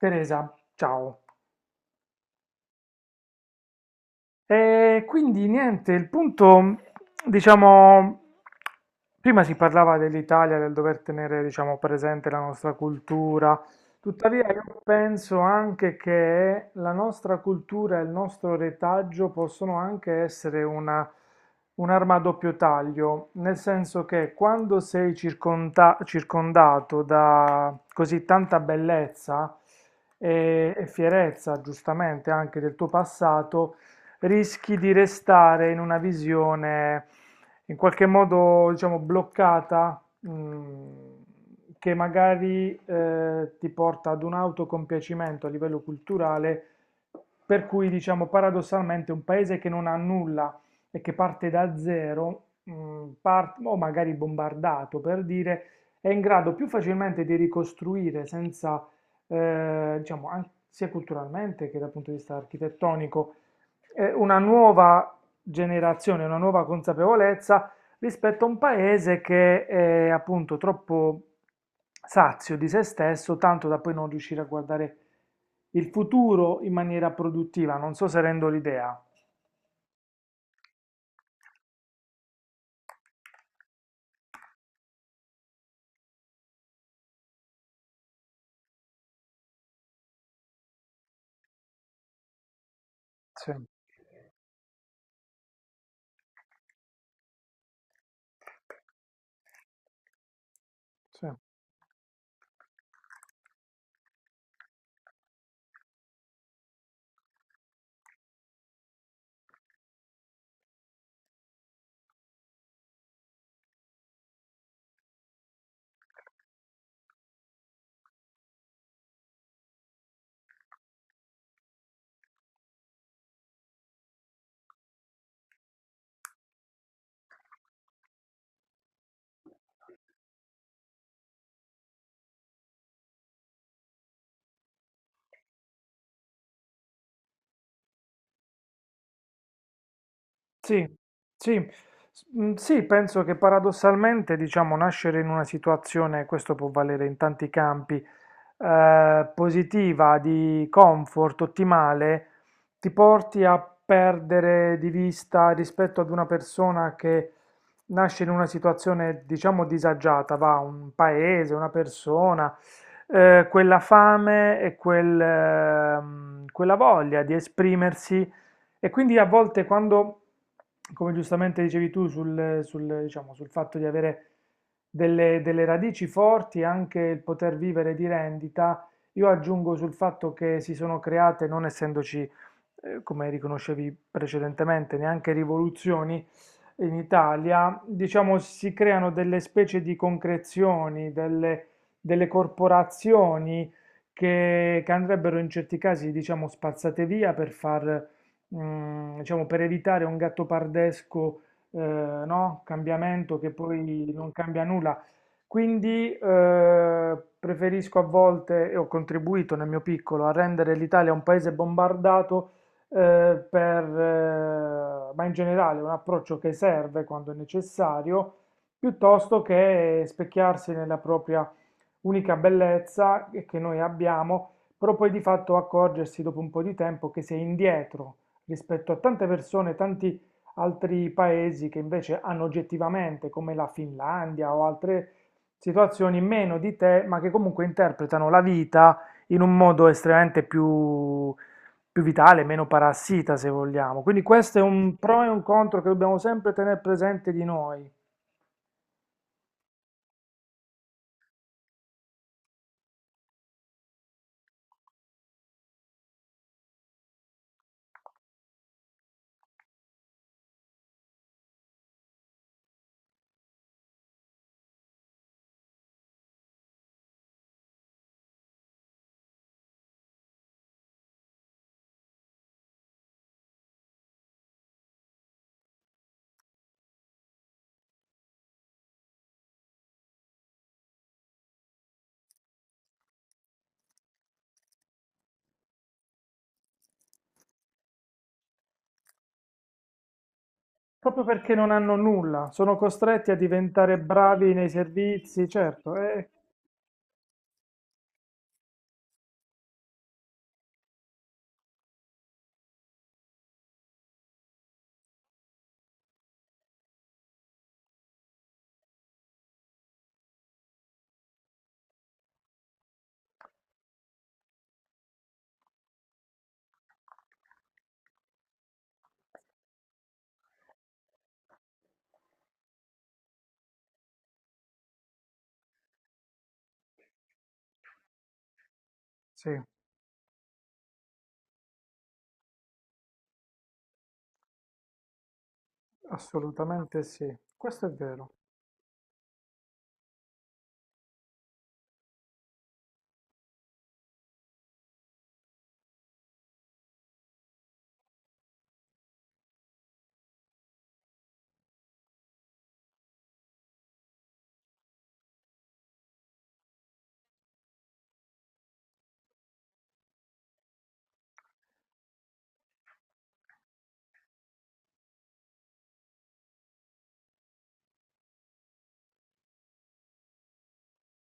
Teresa, ciao. E quindi niente, il punto, diciamo, prima si parlava dell'Italia, del dover tenere, diciamo, presente la nostra cultura. Tuttavia io penso anche che la nostra cultura e il nostro retaggio possono anche essere una, un'arma a doppio taglio, nel senso che quando sei circondato da così tanta bellezza e fierezza, giustamente, anche del tuo passato, rischi di restare in una visione in qualche modo, diciamo, bloccata, mm, che magari ti porta ad un autocompiacimento a livello culturale, per cui, diciamo, paradossalmente un paese che non ha nulla e che parte da zero, o magari bombardato per dire, è in grado più facilmente di ricostruire senza, diciamo, sia culturalmente che dal punto di vista architettonico, una nuova generazione, una nuova consapevolezza rispetto a un paese che è appunto troppo sazio di se stesso, tanto da poi non riuscire a guardare il futuro in maniera produttiva. Non so se rendo l'idea. Sì, sì. Sì, sì, sì, penso che paradossalmente, diciamo, nascere in una situazione, questo può valere in tanti campi, positiva, di comfort, ottimale, ti porti a perdere di vista rispetto ad una persona che nasce in una situazione, diciamo, disagiata, va, un paese, una persona, quella fame e quel, quella voglia di esprimersi. E quindi a volte quando, come giustamente dicevi tu, sul, diciamo, sul fatto di avere delle radici forti e anche il poter vivere di rendita, io aggiungo sul fatto che si sono create, non essendoci, come riconoscevi precedentemente, neanche rivoluzioni in Italia, diciamo, si creano delle specie di concrezioni, delle corporazioni che andrebbero in certi casi, diciamo, spazzate via per far diciamo, per evitare un gattopardesco, no, cambiamento che poi non cambia nulla. Quindi preferisco a volte, e ho contribuito nel mio piccolo, a rendere l'Italia un paese bombardato, ma in generale un approccio che serve quando è necessario, piuttosto che specchiarsi nella propria unica bellezza che noi abbiamo, però poi di fatto accorgersi dopo un po' di tempo che si è indietro rispetto a tante persone, tanti altri paesi che invece hanno oggettivamente, come la Finlandia o altre situazioni, meno di te, ma che comunque interpretano la vita in un modo estremamente più, più vitale, meno parassita, se vogliamo. Quindi questo è un pro e un contro che dobbiamo sempre tenere presente di noi. Proprio perché non hanno nulla, sono costretti a diventare bravi nei servizi, certo, sì, assolutamente sì, questo è vero,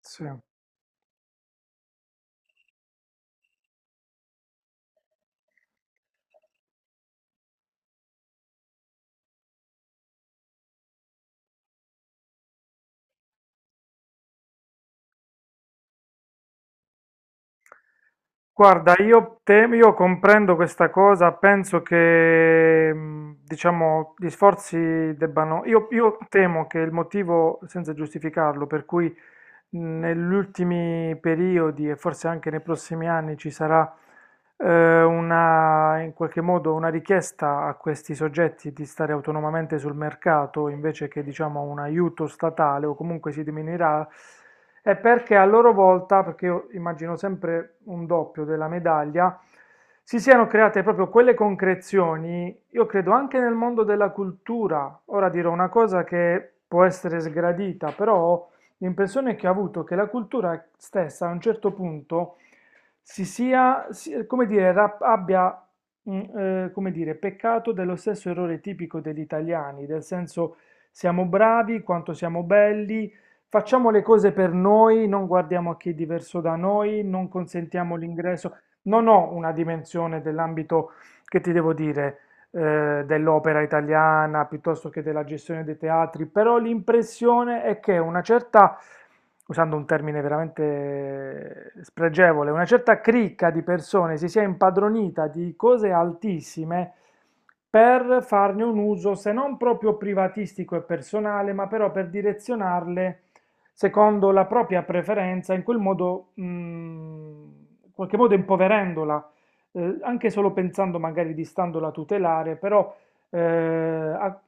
sì. Guarda, io comprendo questa cosa, penso che diciamo, gli sforzi debbano... Io temo che il motivo, senza giustificarlo, per cui negli ultimi periodi e forse anche nei prossimi anni ci sarà in qualche modo una richiesta a questi soggetti di stare autonomamente sul mercato invece che, diciamo, un aiuto statale, o comunque si diminuirà, è perché a loro volta, perché io immagino sempre un doppio della medaglia, si siano create proprio quelle concrezioni, io credo anche nel mondo della cultura. Ora dirò una cosa che può essere sgradita, però l'impressione che ho avuto è che la cultura stessa a un certo punto come dire, abbia, come dire, peccato dello stesso errore tipico degli italiani, del senso siamo bravi, quanto siamo belli, facciamo le cose per noi, non guardiamo a chi è diverso da noi, non consentiamo l'ingresso. Non ho una dimensione dell'ambito che ti devo dire, dell'opera italiana piuttosto che della gestione dei teatri, però l'impressione è che una certa, usando un termine veramente spregevole, una certa cricca di persone si sia impadronita di cose altissime per farne un uso se non proprio privatistico e personale, ma però per direzionarle secondo la propria preferenza, in quel modo, in qualche modo impoverendola, anche solo pensando magari di standola a tutelare, però eh, a-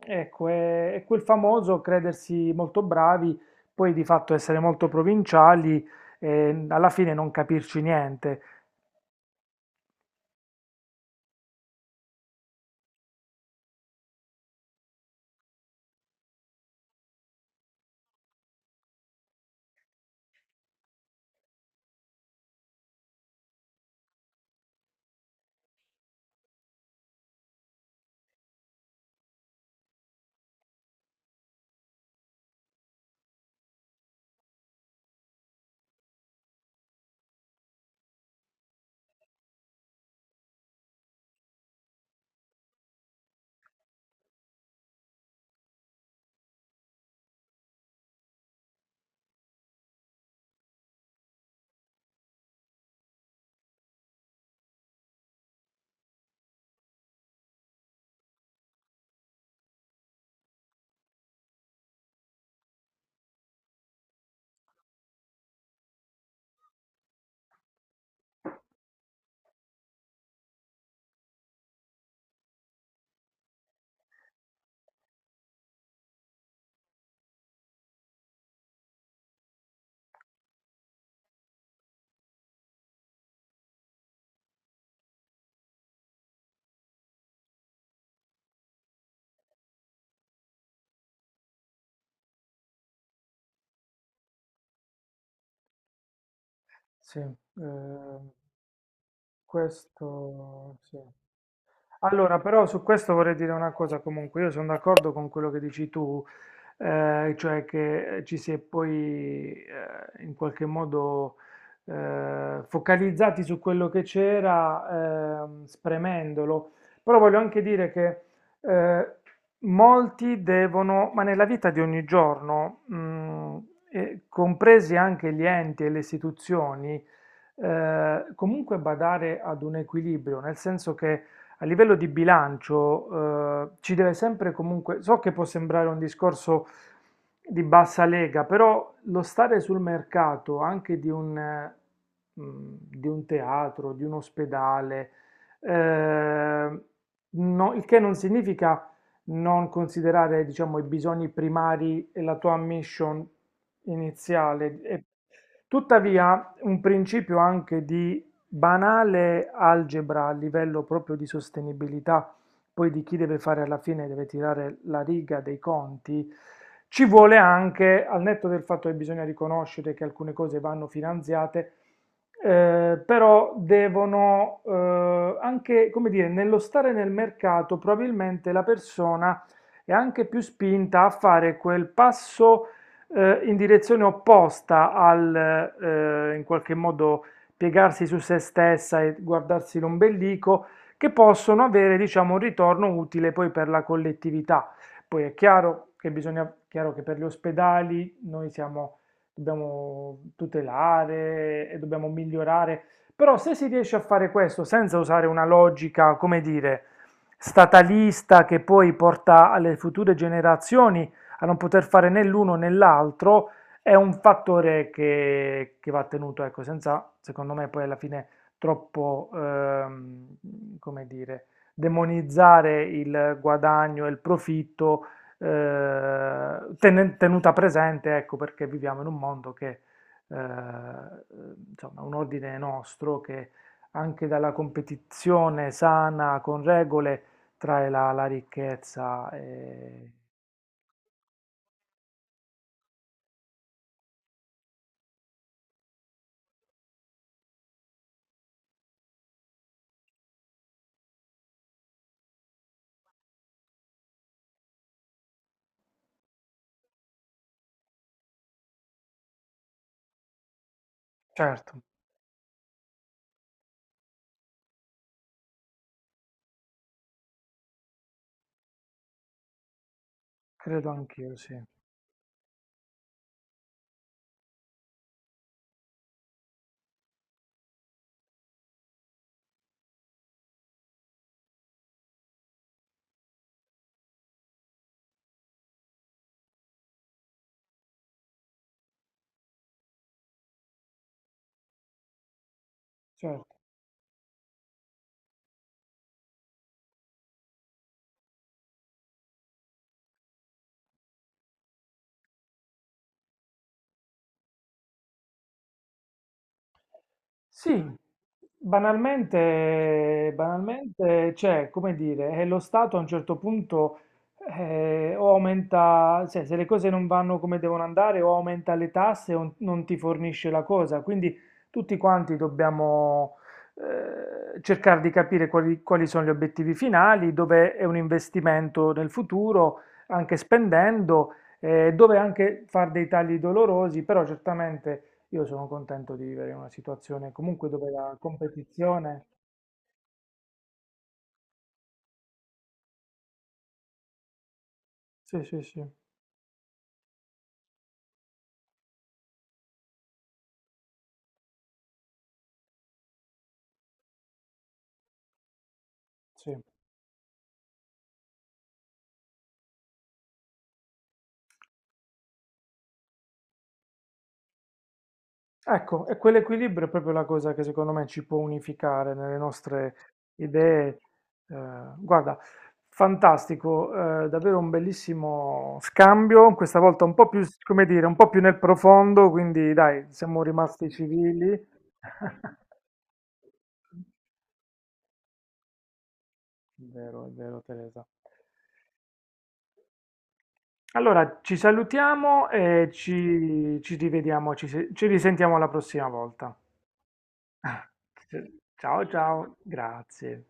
ecco, è quel famoso credersi molto bravi, poi di fatto essere molto provinciali e alla fine non capirci niente. Sì, questo sì. Allora, però su questo vorrei dire una cosa, comunque io sono d'accordo con quello che dici tu, cioè che ci si è poi in qualche modo focalizzati su quello che c'era, spremendolo, però voglio anche dire che eh, molti devono, ma nella vita di ogni giorno, e compresi anche gli enti e le istituzioni, comunque badare ad un equilibrio, nel senso che a livello di bilancio, ci deve sempre comunque, so che può sembrare un discorso di bassa lega, però lo stare sul mercato anche di un teatro, di un ospedale, eh, il che non significa non considerare, diciamo, i bisogni primari e la tua mission iniziale. E tuttavia, un principio anche di banale algebra a livello proprio di sostenibilità, poi di chi deve fare alla fine, deve tirare la riga dei conti, ci vuole anche, al netto del fatto che bisogna riconoscere che alcune cose vanno finanziate, però devono, anche, come dire, nello stare nel mercato, probabilmente la persona è anche più spinta a fare quel passo in direzione opposta al, in qualche modo, piegarsi su se stessa e guardarsi l'ombelico, che possono avere, diciamo, un ritorno utile poi per la collettività. Poi è chiaro che bisogna, chiaro che per gli ospedali noi siamo, dobbiamo tutelare e dobbiamo migliorare, però se si riesce a fare questo senza usare una logica, come dire, statalista che poi porta alle future generazioni a non poter fare né l'uno né l'altro, è un fattore che va tenuto, ecco, senza, secondo me, poi alla fine troppo, come dire, demonizzare il guadagno e il profitto, tenuta presente, ecco, perché viviamo in un mondo che, eh, insomma, un ordine nostro che anche dalla competizione sana, con regole, trae la ricchezza e... Certo. Credo anch'io, sì, certo. Sì, banalmente, banalmente, cioè, come dire, lo Stato a un certo punto o aumenta, cioè, se le cose non vanno come devono andare, o aumenta le tasse o non ti fornisce la cosa. Quindi tutti quanti dobbiamo cercare di capire quali sono gli obiettivi finali, dove è un investimento nel futuro, anche spendendo, dove anche fare dei tagli dolorosi, però certamente io sono contento di vivere in una situazione comunque dove la competizione... Sì, sì, sì, sì. Ecco, e quell'equilibrio è proprio la cosa che secondo me ci può unificare nelle nostre idee. Eh, guarda, fantastico, davvero un bellissimo scambio, questa volta un po' più, come dire, un po' più nel profondo, quindi dai, siamo rimasti civili. Vero, è vero, Teresa. Allora, ci salutiamo e ci, ci rivediamo, ci, se- ci risentiamo la prossima volta. Ciao ciao, grazie.